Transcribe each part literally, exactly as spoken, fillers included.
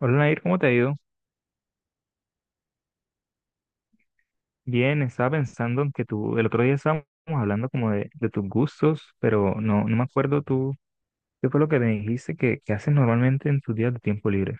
Hola Nair, ¿cómo te ha ido? Bien, estaba pensando en que tú, el otro día estábamos hablando como de, de tus gustos, pero no, no me acuerdo tú, qué fue lo que me dijiste que, que haces normalmente en tus días de tiempo libre.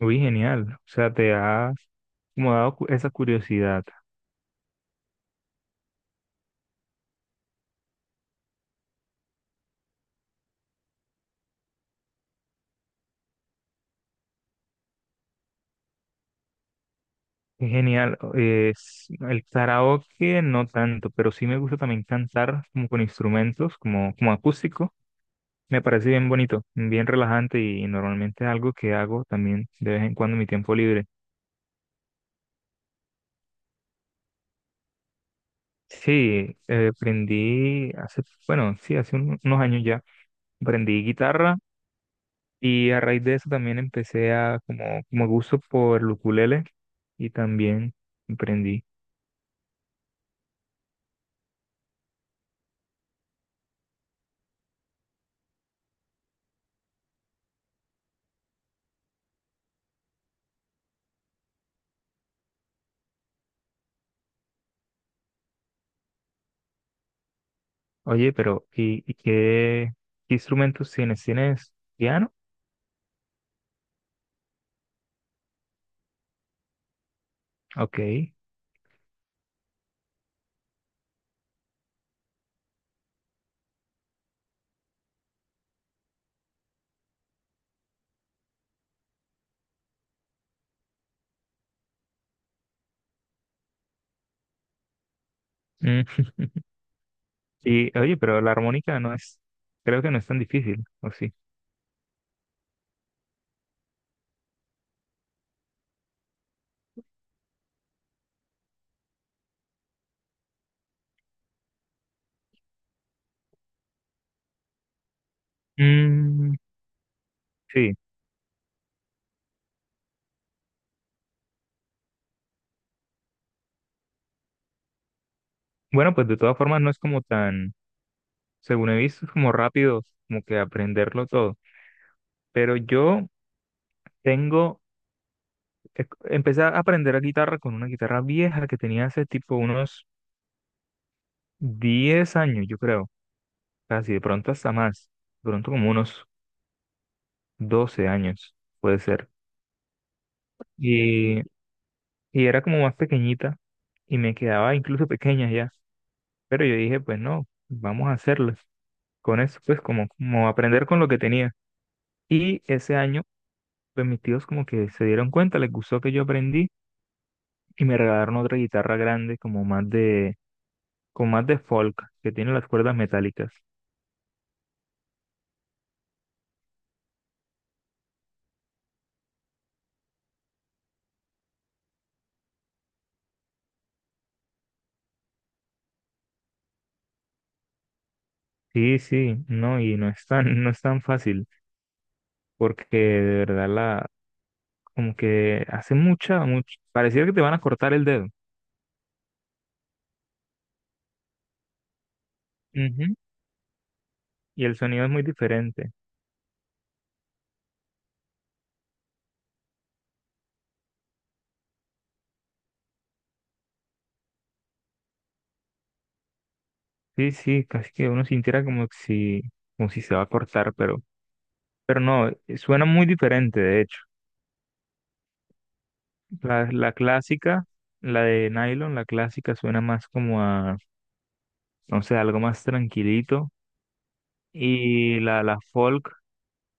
Uy, genial, o sea, te has como dado cu- esa curiosidad. Qué genial, es el karaoke no tanto, pero sí me gusta también cantar como con instrumentos, como, como acústico. Me parece bien bonito, bien relajante y normalmente es algo que hago también de vez en cuando en mi tiempo libre. Sí, eh, aprendí hace, bueno, sí, hace un- unos años ya, aprendí guitarra y a raíz de eso también empecé a como, como gusto por el ukulele y también aprendí. Oye, pero ¿y, y qué, qué instrumentos tienes? ¿Tienes piano? Ok. Mm, Y oye, pero la armónica no es, creo que no es tan difícil, ¿o sí? Mm, sí. Bueno, pues de todas formas no es como tan, según he visto, es como rápido, como que aprenderlo todo. Pero yo tengo, eh, empecé a aprender a guitarra con una guitarra vieja que tenía hace tipo unos diez años, yo creo, casi de pronto hasta más, de pronto como unos doce años, puede ser. Y, y era como más pequeñita y me quedaba incluso pequeña ya, pero yo dije, pues no, vamos a hacerlo. Con eso, pues como, como aprender con lo que tenía. Y ese año, pues mis tíos como que se dieron cuenta, les gustó que yo aprendí y me regalaron otra guitarra grande, como más de, con más de folk, que tiene las cuerdas metálicas. Sí, sí, no, y no es tan, no es tan fácil, porque de verdad la, como que hace mucha, mucho, pareciera que te van a cortar el dedo. Ujú, y el sonido es muy diferente. Sí, sí, casi que uno sintiera como que si, como si se va a cortar, pero, pero no, eh, suena muy diferente, de hecho. La, la clásica, la de nylon, la clásica suena más como a, no sé, algo más tranquilito. Y la, la folk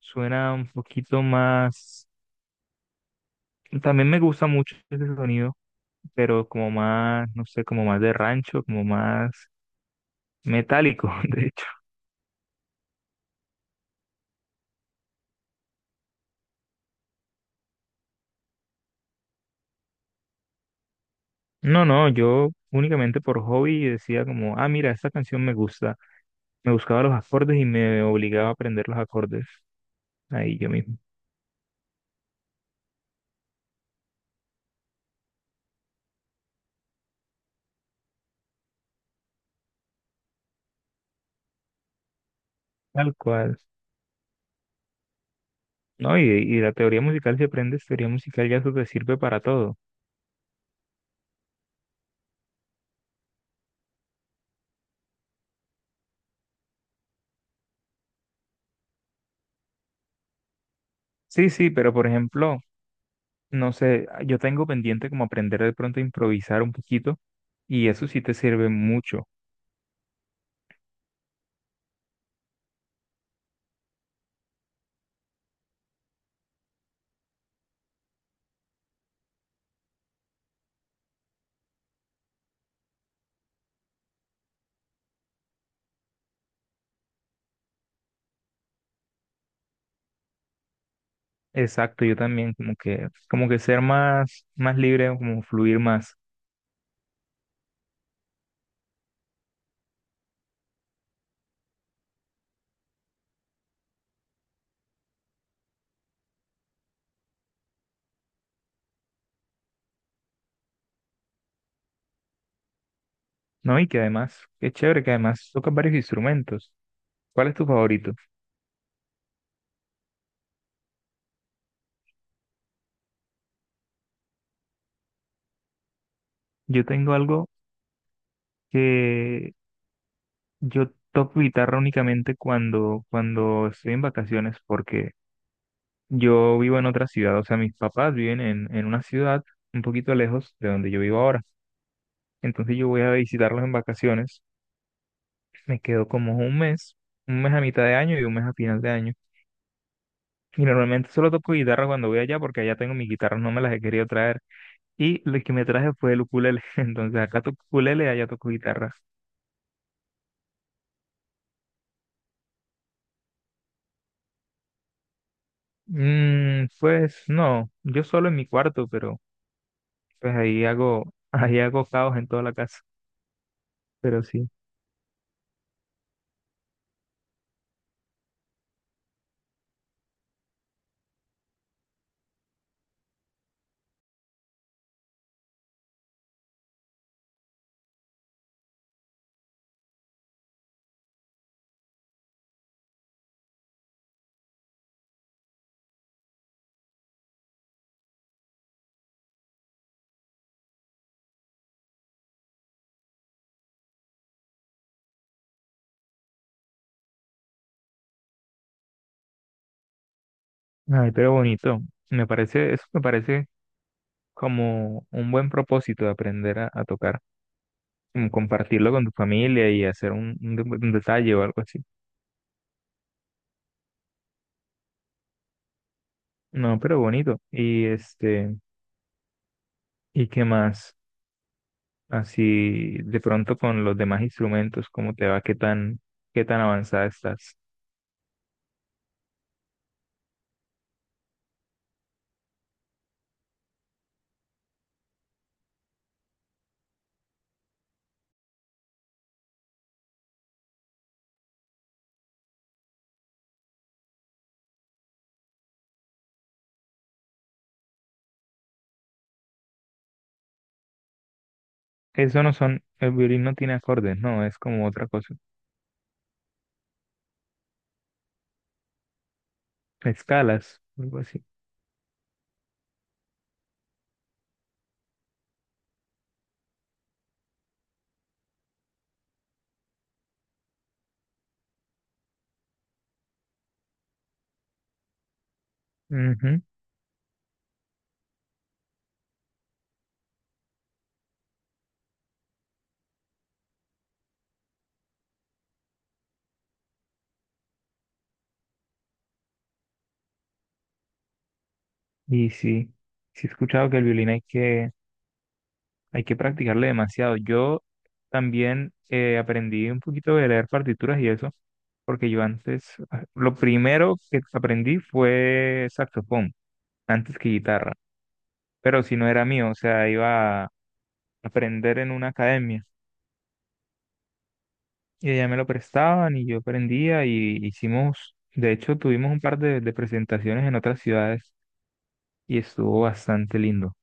suena un poquito más, también me gusta mucho ese sonido, pero como más, no sé, como más de rancho, como más metálico, de hecho. No, no, yo únicamente por hobby decía como, ah, mira, esta canción me gusta. Me buscaba los acordes y me obligaba a aprender los acordes ahí yo mismo, tal cual. No, y, y la teoría musical, si aprendes teoría musical, ya eso te sirve para todo. Sí, sí, pero por ejemplo, no sé, ah, yo tengo pendiente como aprender de pronto a improvisar un poquito y eso sí te sirve mucho. Exacto, yo también como que como que ser más más libre, como fluir más, ¿no? Y que además, qué chévere que además tocas varios instrumentos. ¿Cuál es tu favorito? Yo tengo algo que yo toco guitarra únicamente cuando cuando estoy en vacaciones porque yo vivo en otra ciudad, o sea, mis papás viven en en una ciudad un poquito lejos de donde yo vivo ahora. Entonces yo voy a visitarlos en vacaciones. Me quedo como un mes, un mes a mitad de año y un mes a final de año. Y normalmente solo toco guitarra cuando voy allá porque allá tengo mis guitarras, no me las he querido traer. Y lo que me traje fue el ukulele. Entonces acá toco ukulele, allá toco guitarra. Mm, pues no, yo solo en mi cuarto, pero pues ahí hago, ahí hago caos en toda la casa. Pero sí, ay, pero bonito. Me parece, eso me parece como un buen propósito de aprender a, a tocar, como compartirlo con tu familia y hacer un un de- un detalle o algo así. No, pero bonito. Y este, ¿y qué más? Así de pronto con los demás instrumentos, ¿cómo te va? ¿Qué tan, qué tan avanzada estás? Eso no son, el violín no tiene acordes, no, es como otra cosa. Escalas, algo así. Ujú. Y sí, sí he escuchado que el violín hay que, hay que practicarle demasiado. Yo también eh, aprendí un poquito de leer partituras y eso, porque yo antes, ah, lo primero que aprendí fue saxofón, antes que guitarra. Pero si no era mío, o sea, iba a aprender en una academia y ella me lo prestaban y yo aprendía y hicimos, de hecho, tuvimos un par de, de presentaciones en otras ciudades y estuvo bastante lindo.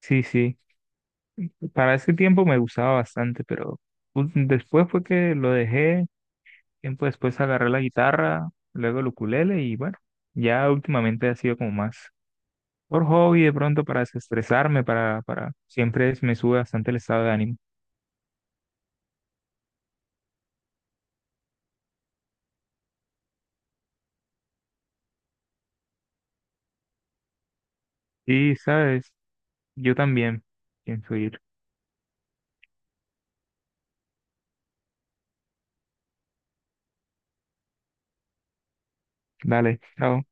Sí, sí, para ese tiempo me gustaba bastante, pero u- después fue que lo dejé, tiempo después agarré la guitarra, luego el ukulele y bueno, ya últimamente ha sido como más por hobby de pronto para desestresarme, para, para, siempre es- me sube bastante el estado de ánimo. Sí, sabes. Yo también pienso ir. Dale, chao.